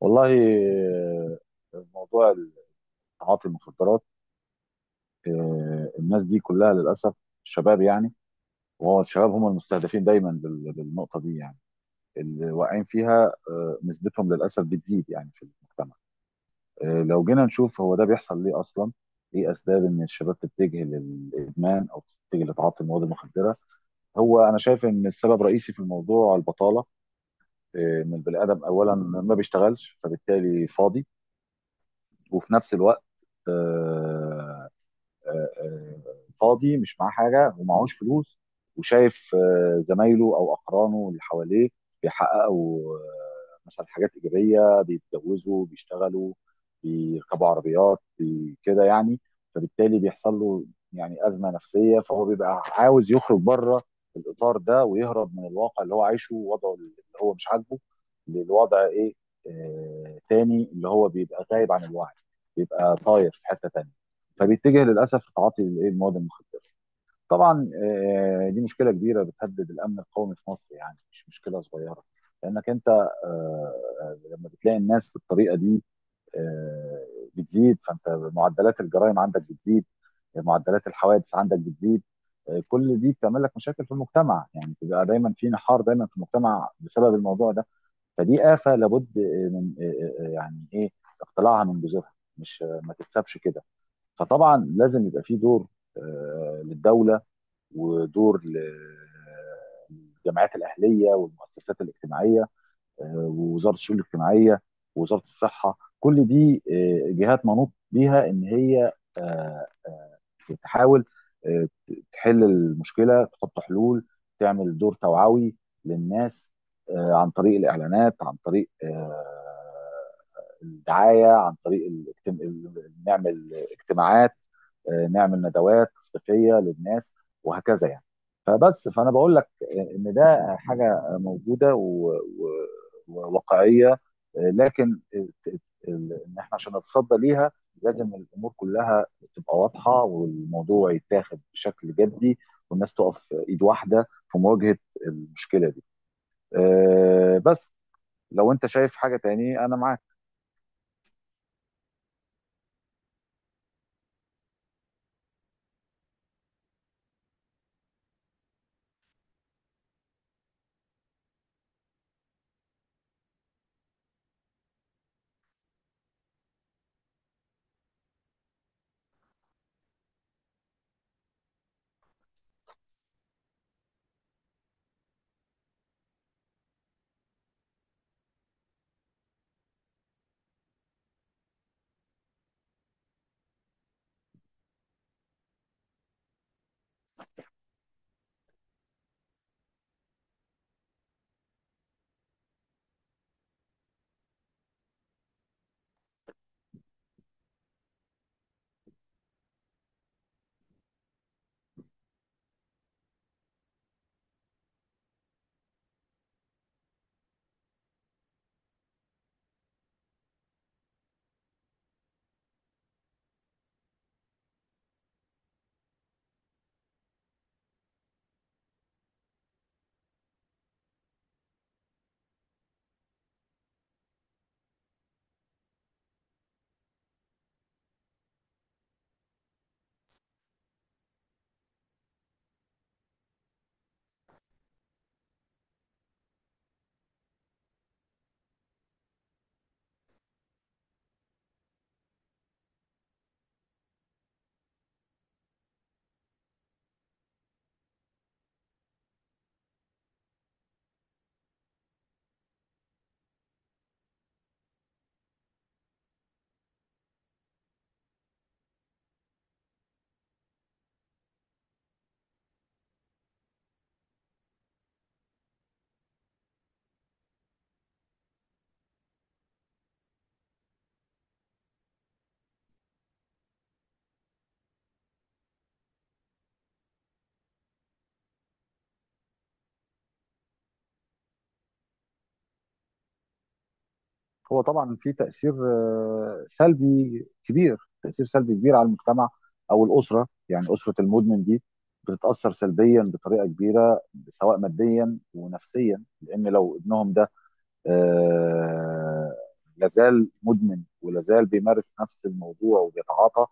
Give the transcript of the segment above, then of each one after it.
والله، موضوع تعاطي المخدرات. الناس دي كلها للاسف شباب، يعني. وهو الشباب هم المستهدفين دايما بالنقطه دي، يعني اللي واقعين فيها. نسبتهم للاسف بتزيد، يعني في المجتمع. لو جينا نشوف، هو ده بيحصل ليه اصلا؟ ايه اسباب ان الشباب تتجه للادمان او تتجه لتعاطي المواد المخدره؟ هو انا شايف ان السبب الرئيسي في الموضوع البطاله، ان البني ادم اولا ما بيشتغلش، فبالتالي فاضي. وفي نفس الوقت، آه، آه، آه، فاضي مش معاه حاجه ومعهوش فلوس، وشايف زمايله او اقرانه اللي حواليه بيحققوا، مثلا، حاجات ايجابيه، بيتجوزوا، بيشتغلوا، بيركبوا عربيات، كده يعني. فبالتالي بيحصل له يعني ازمه نفسيه، فهو بيبقى عاوز يخرج بره الاطار ده، ويهرب من الواقع اللي هو عايشه ووضعه اللي هو مش عاجبه للوضع، ايه تاني، اللي هو بيبقى غايب عن الوعي، بيبقى طاير في حته تانيه، فبيتجه للاسف لتعاطي الايه المواد المخدره. طبعا، دي مشكله كبيره بتهدد الامن القومي في مصر، يعني مش مشكله صغيره. لانك انت، لما بتلاقي الناس بالطريقه دي، آه، بتزيد، فانت معدلات الجرائم عندك بتزيد، معدلات الحوادث عندك بتزيد. كل دي بتعمل لك مشاكل في المجتمع، يعني بتبقى دايما في نحار دايما في المجتمع بسبب الموضوع ده. فدي آفة لابد، آه، من آه، آه، آه، يعني ايه، اقتلاعها من جذورها، مش ما تتسابش كده. فطبعا لازم يبقى في دور، للدوله، ودور للجمعيات الاهليه والمؤسسات الاجتماعيه، ووزاره الشؤون الاجتماعيه ووزاره الصحه. كل دي جهات منوط بيها ان هي، آه، آه، تحاول، تحل المشكله، تحط حلول، تعمل دور توعوي للناس، عن طريق الاعلانات، عن طريق الدعايه، عن طريق نعمل اجتماعات، نعمل ندوات تثقيفيه للناس، وهكذا يعني. فبس، فانا بقول لك ان ده حاجه موجوده وواقعيه، لكن ان احنا عشان نتصدى ليها، لازم الامور كلها تبقى واضحه والموضوع يتاخد بشكل جدي، والناس تقف ايد واحده في مواجهه المشكله دي. بس، لو انت شايف حاجه تاني، انا معاك. هو طبعا في تأثير سلبي كبير، تأثير سلبي كبير على المجتمع أو الأسرة، يعني أسرة المدمن دي بتتأثر سلبيا بطريقة كبيرة، سواء ماديا ونفسيا. لأن لو ابنهم ده، آه، لازال مدمن ولازال بيمارس نفس الموضوع وبيتعاطى،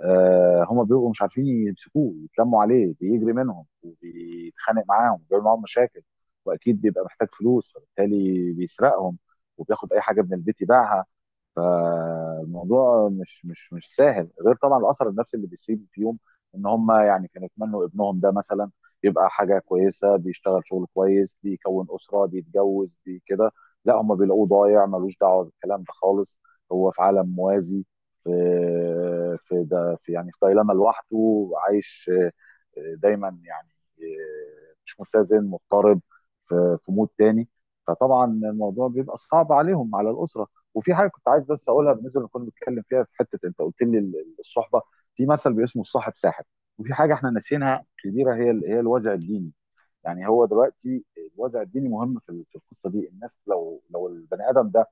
هم بيبقوا مش عارفين يمسكوه، يتلموا عليه بيجري منهم وبيتخانق معاهم وبيعمل معاهم مشاكل. واكيد بيبقى محتاج فلوس، فبالتالي بيسرقهم وبياخد اي حاجه من البيت يبيعها. فالموضوع مش سهل، غير طبعا الاثر النفسي اللي بيسيب فيهم. ان هم يعني كانوا يتمنوا ابنهم ده مثلا يبقى حاجه كويسه، بيشتغل شغل كويس، بيكون اسره، بيتجوز، كده. لا، هم بيلاقوه ضايع ملوش دعوه بالكلام ده خالص، هو في عالم موازي، في في ده في يعني في دايلاما لوحده عايش. دايما يعني مش متزن، مضطرب، في مود تاني. فطبعا الموضوع بيبقى صعب عليهم، على الاسره. وفي حاجه كنت عايز بس اقولها، بالنسبه اللي كنا بنتكلم فيها في حته انت قلت لي الصحبه، في مثل باسمه: الصاحب ساحب. وفي حاجه احنا ناسينها كبيره، هي الوازع الديني. يعني هو دلوقتي الوازع الديني مهم في القصه دي. الناس، لو البني ادم ده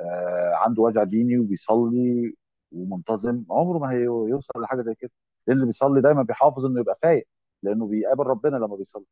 عنده وازع ديني وبيصلي ومنتظم، عمره ما هيوصل لحاجه زي كده، لان اللي بيصلي دايما بيحافظ انه يبقى فايق، لانه بيقابل ربنا لما بيصلي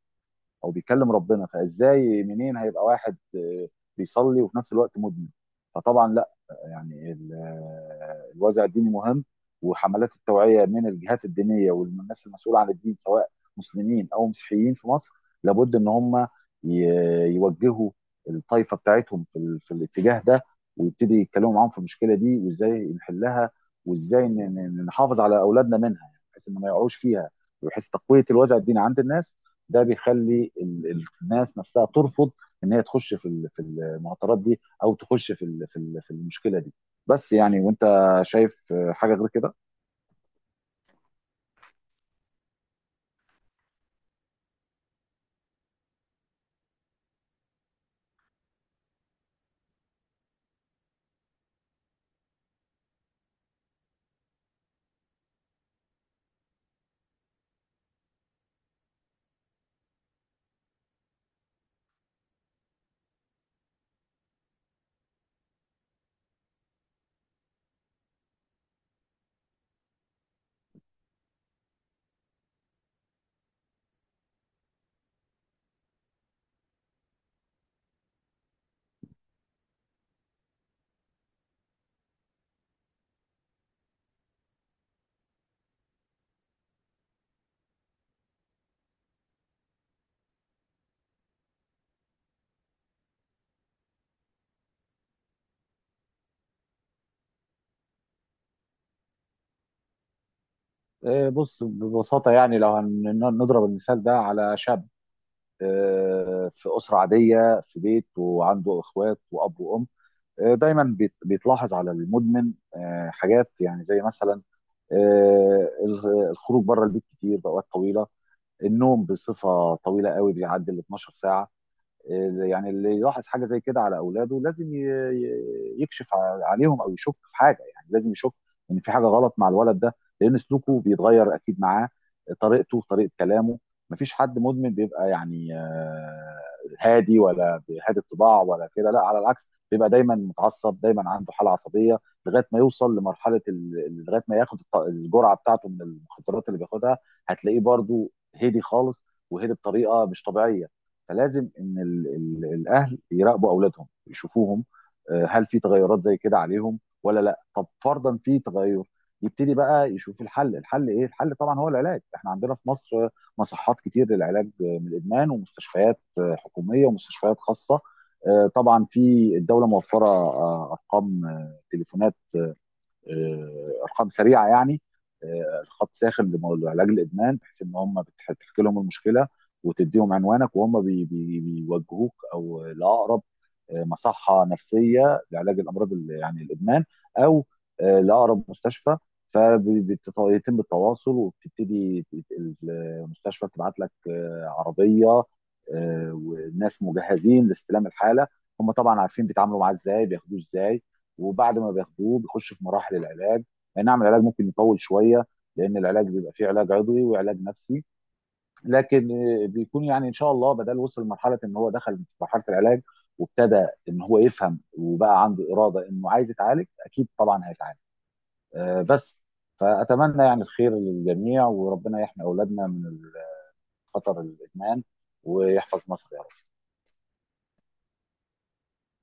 او بيكلم ربنا. فازاي منين هيبقى واحد بيصلي وفي نفس الوقت مدمن؟ فطبعا لا. يعني الوازع الديني مهم، وحملات التوعيه من الجهات الدينيه والناس المسؤوله عن الدين، سواء مسلمين او مسيحيين في مصر، لابد ان هم يوجهوا الطائفه بتاعتهم في، الاتجاه ده، ويبتدي يتكلموا معاهم في المشكله دي، وازاي نحلها، وازاي نحافظ على اولادنا منها، يعني بحيث ان ما يقعوش فيها، بحيث تقويه الوازع الديني عند الناس. ده بيخلي الناس نفسها ترفض ان هي تخش في المعطرات دي، او تخش في المشكله دي. بس يعني، وانت شايف حاجه غير كده؟ بص، ببساطه يعني، لو نضرب المثال ده على شاب، في اسره عاديه، في بيت، وعنده اخوات واب وام، دايما بيتلاحظ على المدمن حاجات يعني زي مثلا، آه، الخروج بره البيت كتير باوقات طويله، النوم بصفه طويله قوي بيعدي ال 12 ساعه. يعني اللي يلاحظ حاجه زي كده على اولاده لازم يكشف عليهم، او يشك في حاجه، يعني لازم يشك ان في حاجه غلط مع الولد ده، لان سلوكه بيتغير اكيد معاه، طريقه كلامه. مفيش حد مدمن بيبقى يعني هادي، ولا هادي الطباع، ولا كده. لا، على العكس، بيبقى دايما متعصب، دايما عنده حاله عصبيه، لغايه ما يوصل لغايه ما ياخد الجرعه بتاعته من المخدرات اللي بياخدها. هتلاقيه برضو هادي خالص، وهادي بطريقه مش طبيعيه. فلازم ان ال ال الاهل يراقبوا اولادهم، يشوفوهم، هل في تغيرات زي كده عليهم ولا لا؟ طب فرضا في تغير، يبتدي بقى يشوف الحل ايه؟ الحل طبعا هو العلاج. احنا عندنا في مصر، مصحات كتير للعلاج من الادمان، ومستشفيات حكوميه ومستشفيات خاصه. طبعا في الدوله موفره ارقام، تليفونات، ارقام سريعه يعني، خط ساخن لعلاج الادمان، بحيث ان هم بتحكي لهم المشكله وتديهم عنوانك، وهم بي بي بيوجهوك او لاقرب مصحه نفسيه لعلاج الامراض، يعني الادمان، او لاقرب مستشفى. فبيتم التواصل، وبتبتدي المستشفى تبعت لك عربيه، والناس مجهزين لاستلام الحاله. هم طبعا عارفين بيتعاملوا معاه ازاي، بياخدوه ازاي، وبعد ما بياخدوه بيخش في مراحل العلاج. اي نعم العلاج ممكن يطول شويه، لان العلاج بيبقى فيه علاج عضوي وعلاج نفسي، لكن بيكون يعني ان شاء الله، بدل وصل لمرحله ان هو دخل في مرحله العلاج، وابتدى ان هو يفهم وبقى عنده اراده انه عايز يتعالج، اكيد طبعا هيتعالج. آه، بس فاتمنى يعني الخير للجميع، وربنا يحمي اولادنا من خطر الادمان، ويحفظ مصر.